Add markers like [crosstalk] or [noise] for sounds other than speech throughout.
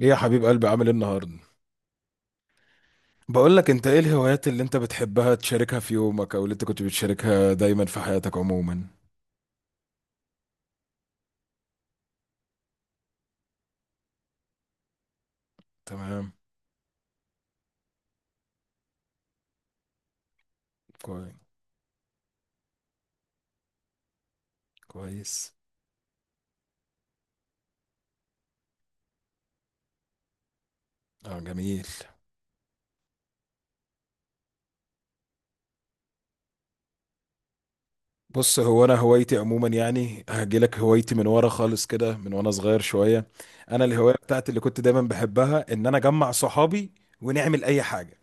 ايه يا حبيب قلبي، عامل ايه النهارده؟ بقول لك، انت ايه الهوايات اللي انت بتحبها تشاركها في يومك او اللي انت كنت بتشاركها دايما في حياتك عموما؟ تمام. كويس، كويس. اه، جميل. بص، هو انا هوايتي عموما يعني هجيلك هوايتي من ورا خالص كده، من وانا صغير شويه. انا الهوايه بتاعتي اللي كنت دايما بحبها ان انا اجمع صحابي ونعمل اي حاجه.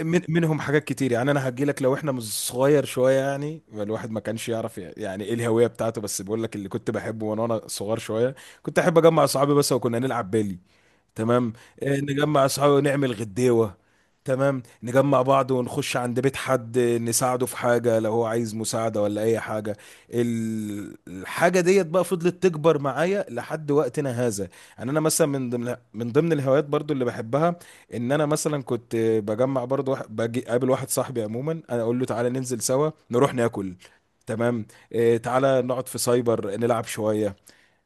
من منهم حاجات كتير، يعني انا هجي لك. لو احنا مش صغير شويه، يعني الواحد ما كانش يعرف يعني ايه الهويه بتاعته، بس بقول لك اللي كنت بحبه وانا صغير شويه. كنت احب اجمع اصحابي بس، وكنا نلعب بالي. تمام. نجمع اصحابي ونعمل غديوه. تمام، نجمع بعض ونخش عند بيت حد، نساعده في حاجه لو هو عايز مساعده ولا اي حاجه. الحاجه ديت بقى فضلت تكبر معايا لحد وقتنا هذا. يعني انا مثلا من ضمن الهوايات برضو اللي بحبها، ان انا مثلا كنت بجمع برضو باجي قابل واحد صاحبي عموما، انا اقول له تعالى ننزل سوا نروح ناكل. تمام. تعالى نقعد في سايبر نلعب شويه.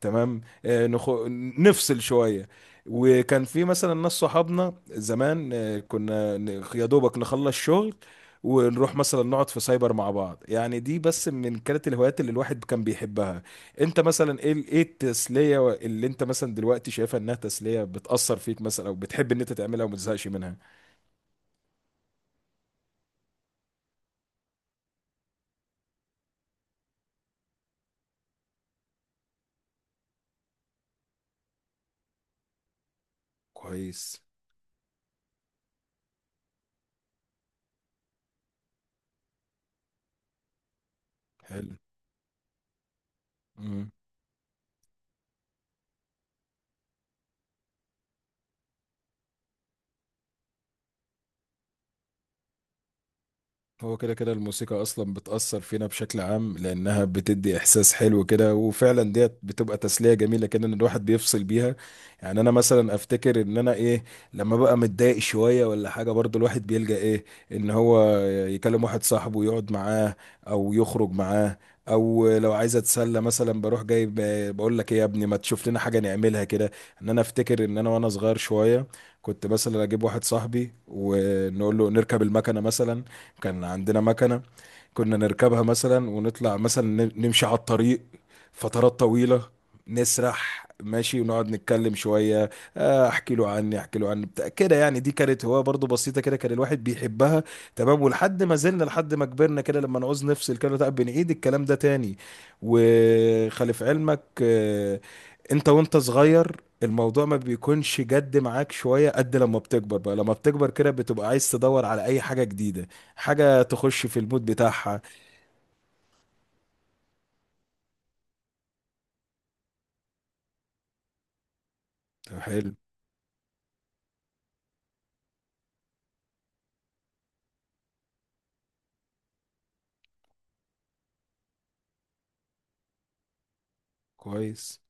تمام. نفصل شوية. وكان في مثلا ناس صحابنا زمان، يا دوبك نخلص شغل ونروح مثلا نقعد في سايبر مع بعض، يعني دي بس من كانت الهوايات اللي الواحد كان بيحبها. انت مثلا ايه ايه التسلية اللي انت مثلا دلوقتي شايفها انها تسلية بتأثر فيك مثلا، او بتحب ان انت تعملها وما تزهقش منها؟ كويس. حلو. هو كده كده الموسيقى اصلا بتأثر فينا بشكل عام لانها بتدي احساس حلو كده، وفعلا ديت بتبقى تسلية جميلة كده ان الواحد بيفصل بيها. يعني انا مثلا افتكر ان انا ايه، لما بقى متضايق شوية ولا حاجة برضو الواحد بيلجأ ايه، ان هو يكلم واحد صاحبه ويقعد معاه او يخرج معاه، او لو عايز اتسلى مثلا بروح جايب بقول لك ايه يا ابني ما تشوف لنا حاجة نعملها كده. ان انا افتكر ان انا وانا صغير شوية كنت مثلا اجيب واحد صاحبي ونقول له نركب المكنة مثلا، كان عندنا مكنة، كنا نركبها مثلا ونطلع مثلا نمشي على الطريق فترات طويلة، نسرح ماشي ونقعد نتكلم شوية. احكي له عني، احكي له عني بتاع كده، يعني دي كانت هواية برضو بسيطة كده كان الواحد بيحبها. تمام، ولحد ما زلنا لحد ما كبرنا كده لما نعوز نفصل كده، لا بنعيد الكلام ده تاني. وخلف علمك، انت وانت صغير، الموضوع ما بيكونش جد معاك شوية قد لما بتكبر، بقى لما بتكبر كده بتبقى عايز تدور على اي حاجة جديدة، حاجة تخش في المود بتاعها. طب حلو. كويس.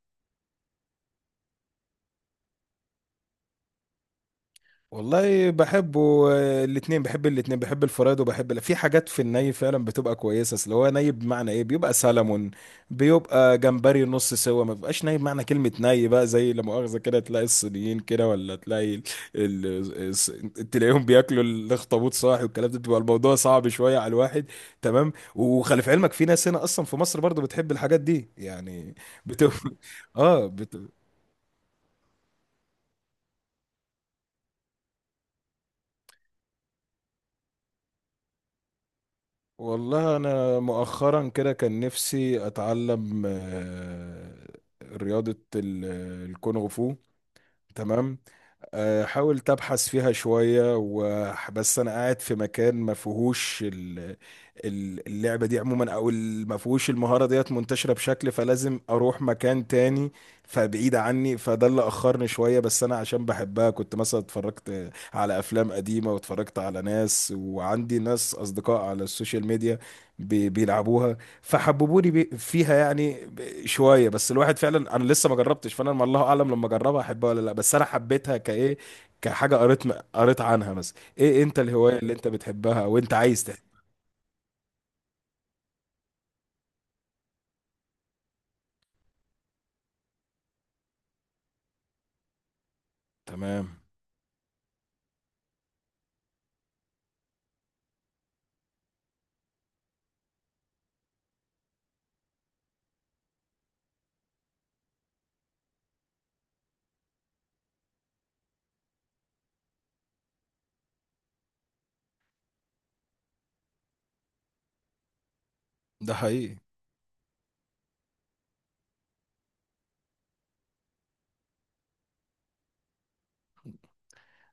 والله بحبه. الاتنين، بحب الاتنين، بحب الفرايد وبحب في حاجات في الني فعلا بتبقى كويسة. اصل هو ني بمعنى ايه، بيبقى سلمون، بيبقى جمبري نص سوا ما بيبقاش ني. بمعنى كلمة ني بقى زي، لا مؤاخذة كده، تلاقي الصينيين كده ولا تلاقي ال... تلاقيهم بياكلوا الاخطبوط صاحي، والكلام ده بيبقى الموضوع صعب شوية على الواحد. تمام. وخلي في علمك في ناس هنا اصلا في مصر برضو بتحب الحاجات دي يعني، بتبقى [laughs] اه، والله انا مؤخرا كده كان نفسي اتعلم رياضة الكونغ فو. تمام. حاولت ابحث فيها شويه و- بس انا قاعد في مكان ما فيهوش اللعبه دي عموما، او ما فيهوش المهاره ديت منتشره بشكل، فلازم اروح مكان تاني، فبعيد عني، فده اللي اخرني شويه. بس انا عشان بحبها كنت مثلا اتفرجت على افلام قديمه، واتفرجت على ناس، وعندي ناس اصدقاء على السوشيال ميديا بيلعبوها، فحببوني فيها يعني، شويه بس الواحد فعلا، انا لسه ما جربتش، فانا ما الله اعلم، لما اجربها احبها ولا لا، بس انا حبيتها كايه، كحاجه قريت قريت عنها. مثلا ايه انت الهوايه اللي انت بتحبها وانت عايز تحبها؟ تمام. ده حقيقي.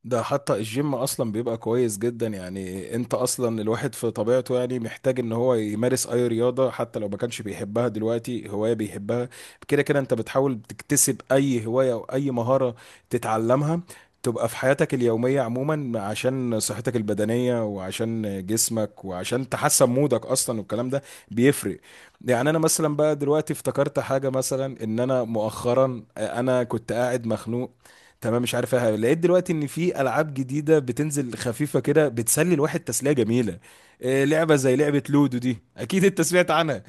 ده حتى الجيم اصلا بيبقى كويس جدا، يعني انت اصلا الواحد في طبيعته يعني محتاج ان هو يمارس اي رياضة حتى لو ما كانش بيحبها دلوقتي هواية بيحبها. كده كده انت بتحاول تكتسب اي هواية او اي مهارة تتعلمها، تبقى في حياتك اليومية عموما، عشان صحتك البدنية وعشان جسمك وعشان تحسن مودك اصلا والكلام ده بيفرق. يعني انا مثلا بقى دلوقتي افتكرت حاجة مثلا، ان انا مؤخرا انا كنت قاعد مخنوق تمام، مش عارفها، لقيت دلوقتي ان في العاب جديده بتنزل خفيفه كده بتسلي الواحد تسليه جميله. لعبه زي لعبه لودو دي اكيد انت سمعت عنها.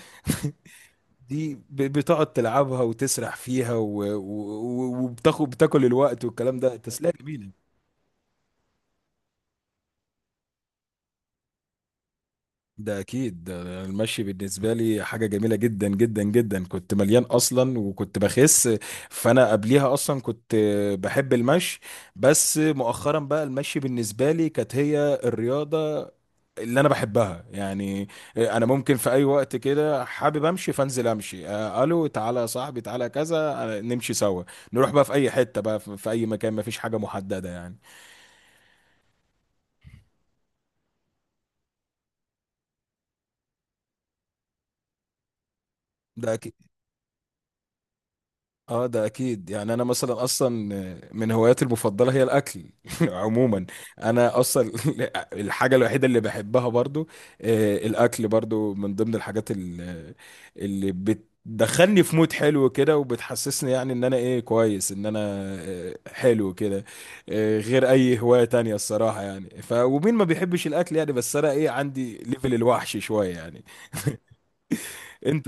[laughs] دي بتقعد تلعبها وتسرح فيها بتاكل الوقت والكلام ده، تسليه جميله. ده اكيد، ده المشي بالنسبه لي حاجه جميله جدا جدا جدا. كنت مليان اصلا وكنت بخس، فانا قبليها اصلا كنت بحب المشي، بس مؤخرا بقى المشي بالنسبه لي كانت هي الرياضه اللي انا بحبها يعني. انا ممكن في اي وقت كده حابب امشي، فانزل امشي، الو تعالى يا صاحبي، تعالى كذا، نمشي سوا، نروح بقى في اي حتة بقى، في في اي مكان، مفيش حاجة محددة يعني. ده اه، ده اكيد، يعني انا مثلا اصلا من هواياتي المفضله هي الاكل. [laughs] عموما، انا اصلا [laughs] الحاجه الوحيده اللي بحبها برضو، الاكل برضو من ضمن الحاجات اللي بتدخلني في مود حلو كده، وبتحسسني يعني ان انا ايه كويس، ان انا حلو كده، غير اي هوايه تانية الصراحه يعني. ف ومين ما بيحبش الاكل يعني، بس انا ايه عندي ليفل الوحش شويه يعني. [laughs] انت.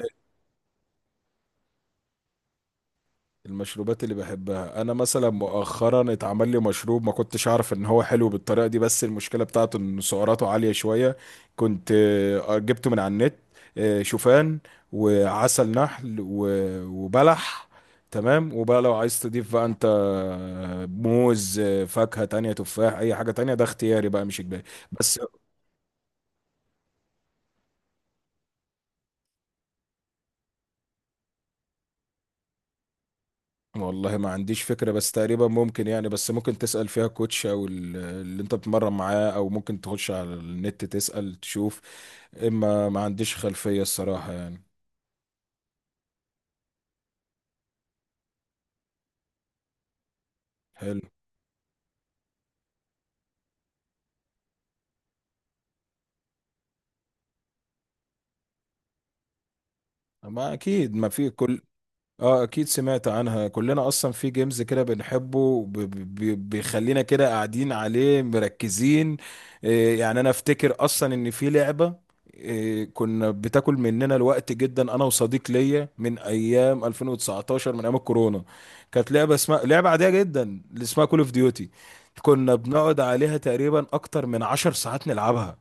المشروبات اللي بحبها، انا مثلا مؤخرا اتعمل لي مشروب ما كنتش اعرف ان هو حلو بالطريقه دي، بس المشكله بتاعته ان سعراته عاليه شويه. كنت جبته من على النت، شوفان وعسل نحل وبلح. تمام، وبقى لو عايز تضيف بقى انت موز، فاكهه تانية، تفاح، اي حاجه تانية، ده اختياري بقى مش اجباري. بس والله ما عنديش فكرة، بس تقريبا ممكن يعني، بس ممكن تسأل فيها كوتش او اللي انت بتتمرن معاه، او ممكن تخش على النت تسأل تشوف، اما ما عنديش خلفية الصراحة يعني. حلو. ما اكيد ما في كل. اه اكيد سمعت عنها، كلنا اصلا في جيمز كده بنحبه، بيخلينا كده قاعدين عليه مركزين. يعني انا افتكر اصلا ان في لعبة كنا بتاكل مننا الوقت جدا، انا وصديق ليا من ايام 2019 من ايام الكورونا. كانت لعبة اسمها لعبة عادية جدا، اللي اسمها كول اوف ديوتي. كنا بنقعد عليها تقريبا اكتر من 10 ساعات نلعبها.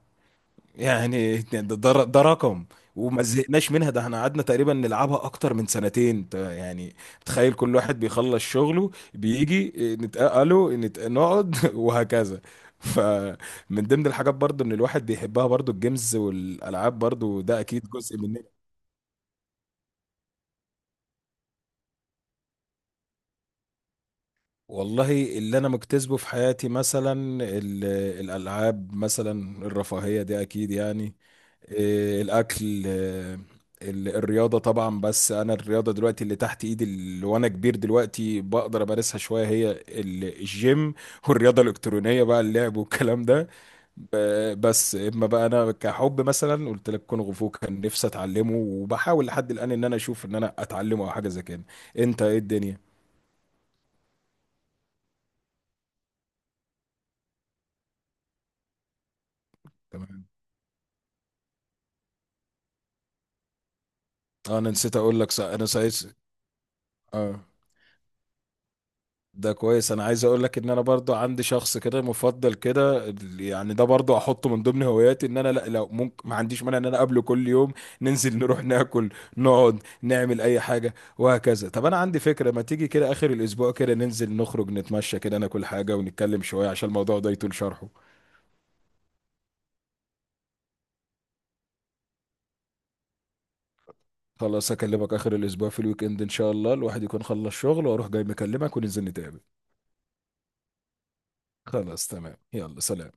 يعني ده رقم. وما زهقناش منها، ده احنا قعدنا تقريبا نلعبها اكتر من سنتين، يعني. تخيل، كل واحد بيخلص شغله بيجي الو، نقعد [laughs] وهكذا. فمن ضمن الحاجات برضو ان الواحد بيحبها برضو الجيمز والالعاب برضو، ده اكيد جزء من. والله اللي انا مجتذبه في حياتي مثلا، ال- الالعاب مثلا، الرفاهيه دي اكيد يعني، الاكل، الرياضه طبعا. بس انا الرياضه دلوقتي اللي تحت ايدي، اللي وانا كبير دلوقتي بقدر امارسها شويه، هي الجيم، والرياضه الالكترونيه بقى، اللعب والكلام ده. بس اما بقى انا كحب مثلا قلت لك كونغ فو كان نفسي اتعلمه، وبحاول لحد الان ان انا اشوف ان انا اتعلمه او حاجه زي كده. انت ايه الدنيا؟ تمام. اه انا نسيت اقول لك، صح، انا سايس. اه ده كويس. انا عايز اقول لك ان انا برضو عندي شخص كده مفضل كده يعني، ده برضو احطه من ضمن هواياتي، ان انا، لا لو ممكن، ما عنديش مانع ان انا اقابله كل يوم، ننزل [laughs] نروح ناكل، نقعد نعمل اي حاجه وهكذا. طب انا عندي فكره، ما تيجي كده اخر الاسبوع كده ننزل نخرج نتمشى كده، ناكل حاجه، ونتكلم شويه عشان الموضوع ده يطول شرحه. خلاص، اكلمك اخر الاسبوع في الويك اند ان شاء الله الواحد يكون خلص شغل، واروح جاي مكلمك وننزل نتقابل. خلاص تمام، يلا سلام.